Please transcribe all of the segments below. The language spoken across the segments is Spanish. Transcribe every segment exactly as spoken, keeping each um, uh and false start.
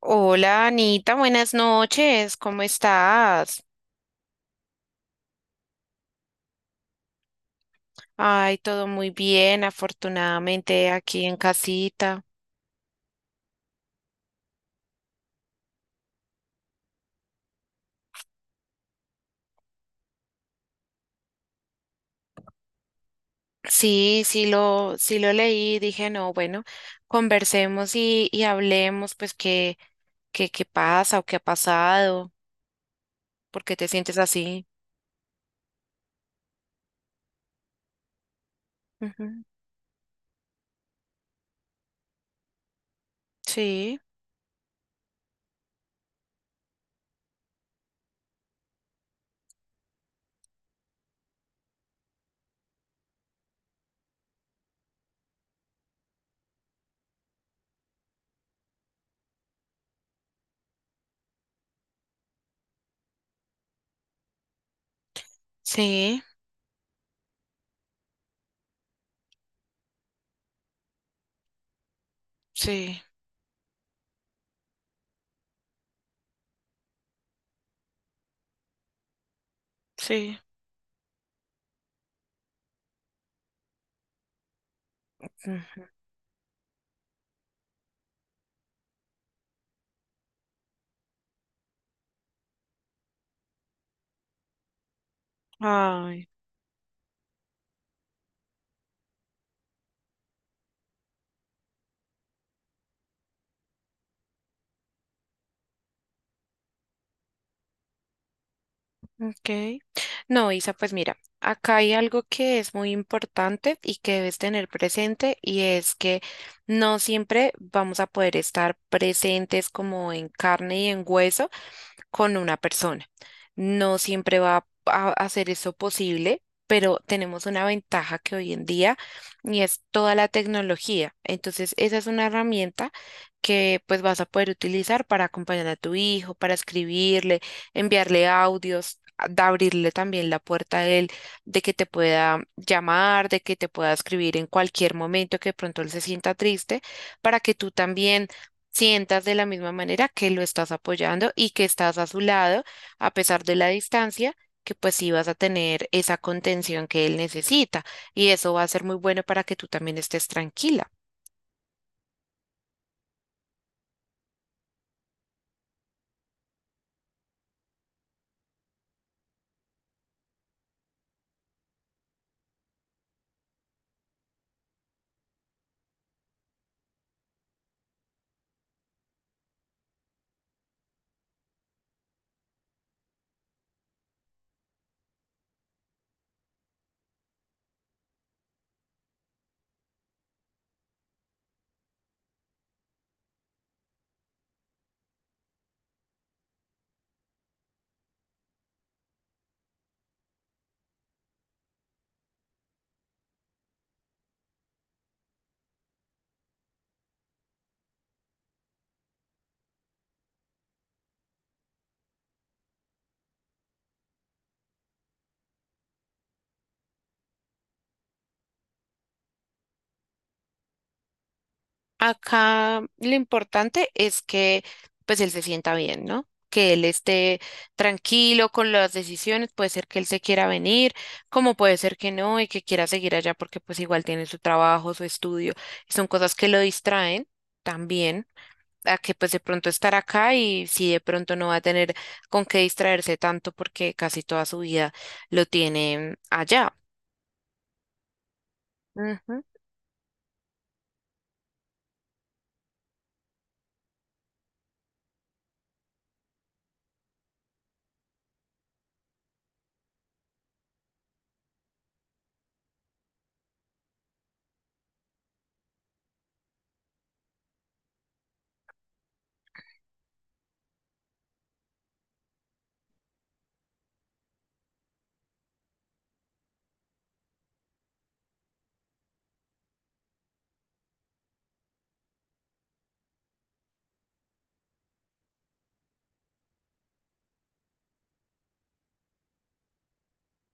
Hola Anita, buenas noches, ¿cómo estás? Ay, todo muy bien, afortunadamente aquí en casita. Sí, sí lo, sí lo leí, dije, no, bueno, conversemos y, y hablemos, pues, qué, qué, qué pasa o qué ha pasado, por qué te sientes así. Ujú. Sí, sí, sí, sí. Mm. Ay. Ok. No, Isa, pues mira, acá hay algo que es muy importante y que debes tener presente y es que no siempre vamos a poder estar presentes como en carne y en hueso con una persona. No siempre va a hacer eso posible, pero tenemos una ventaja que hoy en día y es toda la tecnología. Entonces, esa es una herramienta que pues vas a poder utilizar para acompañar a tu hijo, para escribirle, enviarle audios, a- de abrirle también la puerta a él, de que te pueda llamar, de que te pueda escribir en cualquier momento que de pronto él se sienta triste, para que tú también sientas de la misma manera que lo estás apoyando y que estás a su lado a pesar de la distancia, que pues sí vas a tener esa contención que él necesita y eso va a ser muy bueno para que tú también estés tranquila. Acá lo importante es que pues él se sienta bien, ¿no? Que él esté tranquilo con las decisiones, puede ser que él se quiera venir, como puede ser que no y que quiera seguir allá porque pues igual tiene su trabajo, su estudio, y son cosas que lo distraen también. A que pues de pronto estar acá y si de pronto no va a tener con qué distraerse tanto porque casi toda su vida lo tiene allá. Ujú,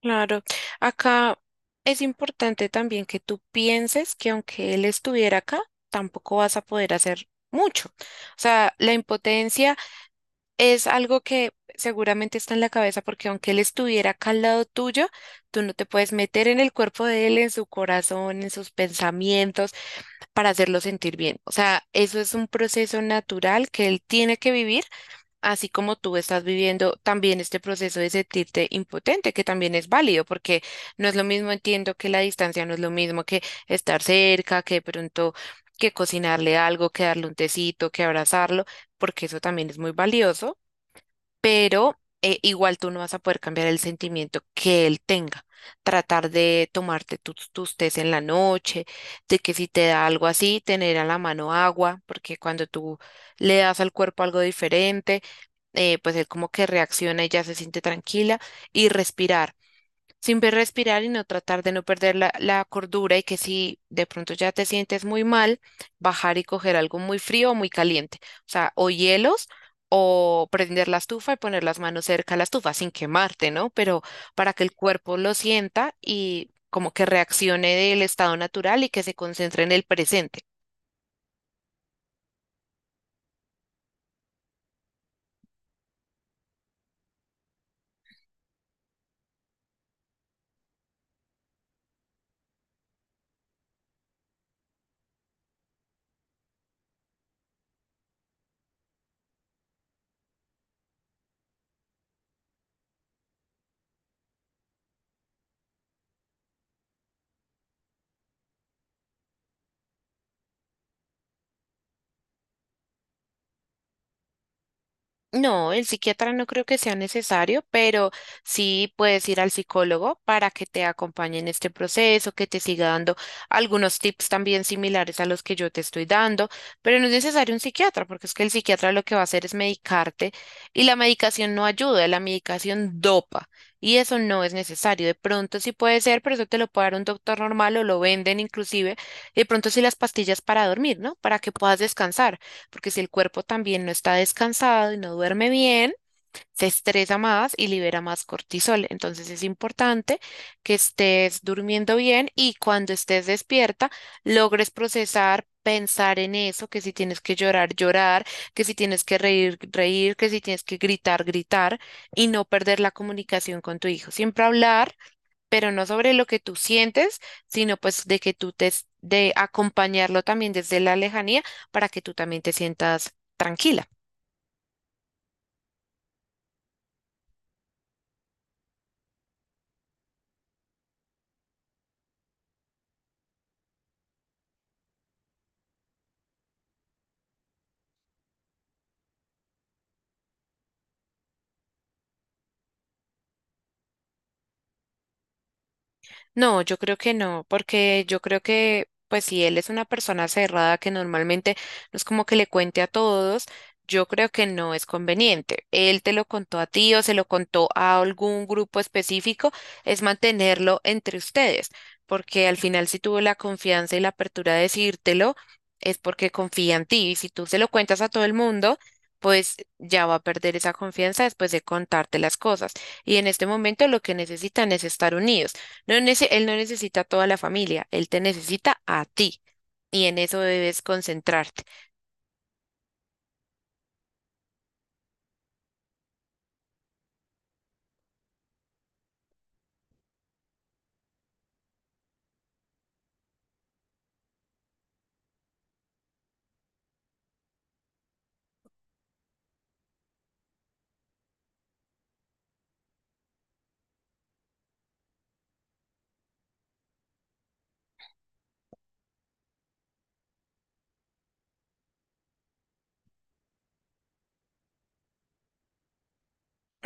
claro, acá es importante también que tú pienses que aunque él estuviera acá, tampoco vas a poder hacer mucho. O sea, la impotencia es algo que seguramente está en la cabeza porque aunque él estuviera acá al lado tuyo, tú no te puedes meter en el cuerpo de él, en su corazón, en sus pensamientos para hacerlo sentir bien. O sea, eso es un proceso natural que él tiene que vivir, así como tú estás viviendo también este proceso de sentirte impotente, que también es válido, porque no es lo mismo, entiendo que la distancia no es lo mismo que estar cerca, que de pronto que cocinarle algo, que darle un tecito, que abrazarlo, porque eso también es muy valioso pero eh, igual tú no vas a poder cambiar el sentimiento que él tenga. Tratar de tomarte tus, tus tés en la noche, de que si te da algo así, tener a la mano agua, porque cuando tú le das al cuerpo algo diferente, eh, pues él como que reacciona y ya se siente tranquila y respirar. Siempre respirar y no tratar de no perder la, la cordura y que si de pronto ya te sientes muy mal, bajar y coger algo muy frío o muy caliente. O sea, o hielos o prender la estufa y poner las manos cerca a la estufa sin quemarte, ¿no? Pero para que el cuerpo lo sienta y como que reaccione del estado natural y que se concentre en el presente. No, el psiquiatra no creo que sea necesario, pero sí puedes ir al psicólogo para que te acompañe en este proceso, que te siga dando algunos tips también similares a los que yo te estoy dando, pero no es necesario un psiquiatra, porque es que el psiquiatra lo que va a hacer es medicarte y la medicación no ayuda, la medicación dopa y eso no es necesario. De pronto sí puede ser, pero eso te lo puede dar un doctor normal o lo venden inclusive, y de pronto sí las pastillas para dormir, ¿no? Para que puedas descansar. Porque si el cuerpo también no está descansado y no duerme bien, se estresa más y libera más cortisol. Entonces es importante que estés durmiendo bien y cuando estés despierta, logres procesar, pensar en eso, que si tienes que llorar, llorar, que si tienes que reír, reír, que si tienes que gritar, gritar y no perder la comunicación con tu hijo. Siempre hablar pero no sobre lo que tú sientes, sino pues de que tú te, de acompañarlo también desde la lejanía para que tú también te sientas tranquila. No, yo creo que no, porque yo creo que, pues si él es una persona cerrada que normalmente no es como que le cuente a todos, yo creo que no es conveniente. Él te lo contó a ti o se lo contó a algún grupo específico, es mantenerlo entre ustedes, porque al final si tuvo la confianza y la apertura de decírtelo, es porque confía en ti. Y si tú se lo cuentas a todo el mundo, pues ya va a perder esa confianza después de contarte las cosas. Y en este momento lo que necesitan es estar unidos. No nece- él no necesita a toda la familia, él te necesita a ti y en eso debes concentrarte.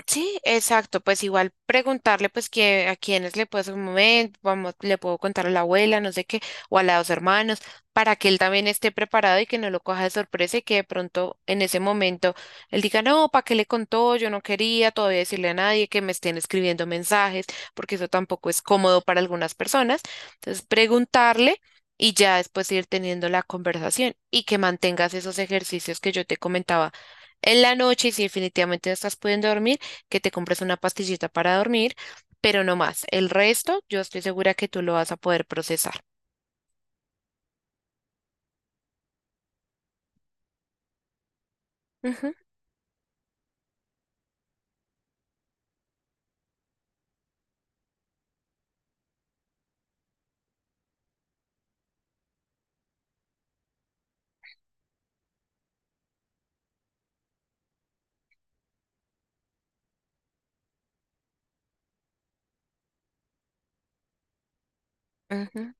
Sí, exacto, pues igual preguntarle pues que a quienes le puedo hacer un momento, vamos, le puedo contar a la abuela, no sé qué, o a los hermanos, para que él también esté preparado y que no lo coja de sorpresa y que de pronto en ese momento él diga, no, ¿para qué le contó? Yo no quería todavía decirle a nadie que me estén escribiendo mensajes, porque eso tampoco es cómodo para algunas personas. Entonces, preguntarle y ya después ir teniendo la conversación y que mantengas esos ejercicios que yo te comentaba en la noche y si definitivamente no estás pudiendo dormir que te compres una pastillita para dormir, pero no más. El resto, yo estoy segura que tú lo vas a poder procesar. Ujú, ujú.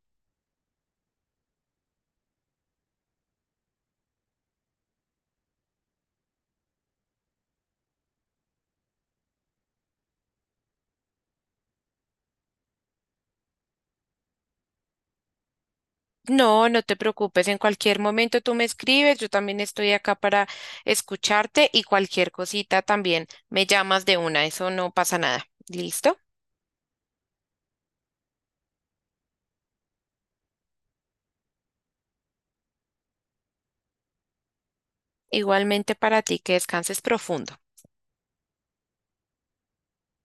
No, no te preocupes, en cualquier momento tú me escribes, yo también estoy acá para escucharte y cualquier cosita también me llamas de una, eso no pasa nada. ¿Listo? Igualmente para ti, que descanses profundo.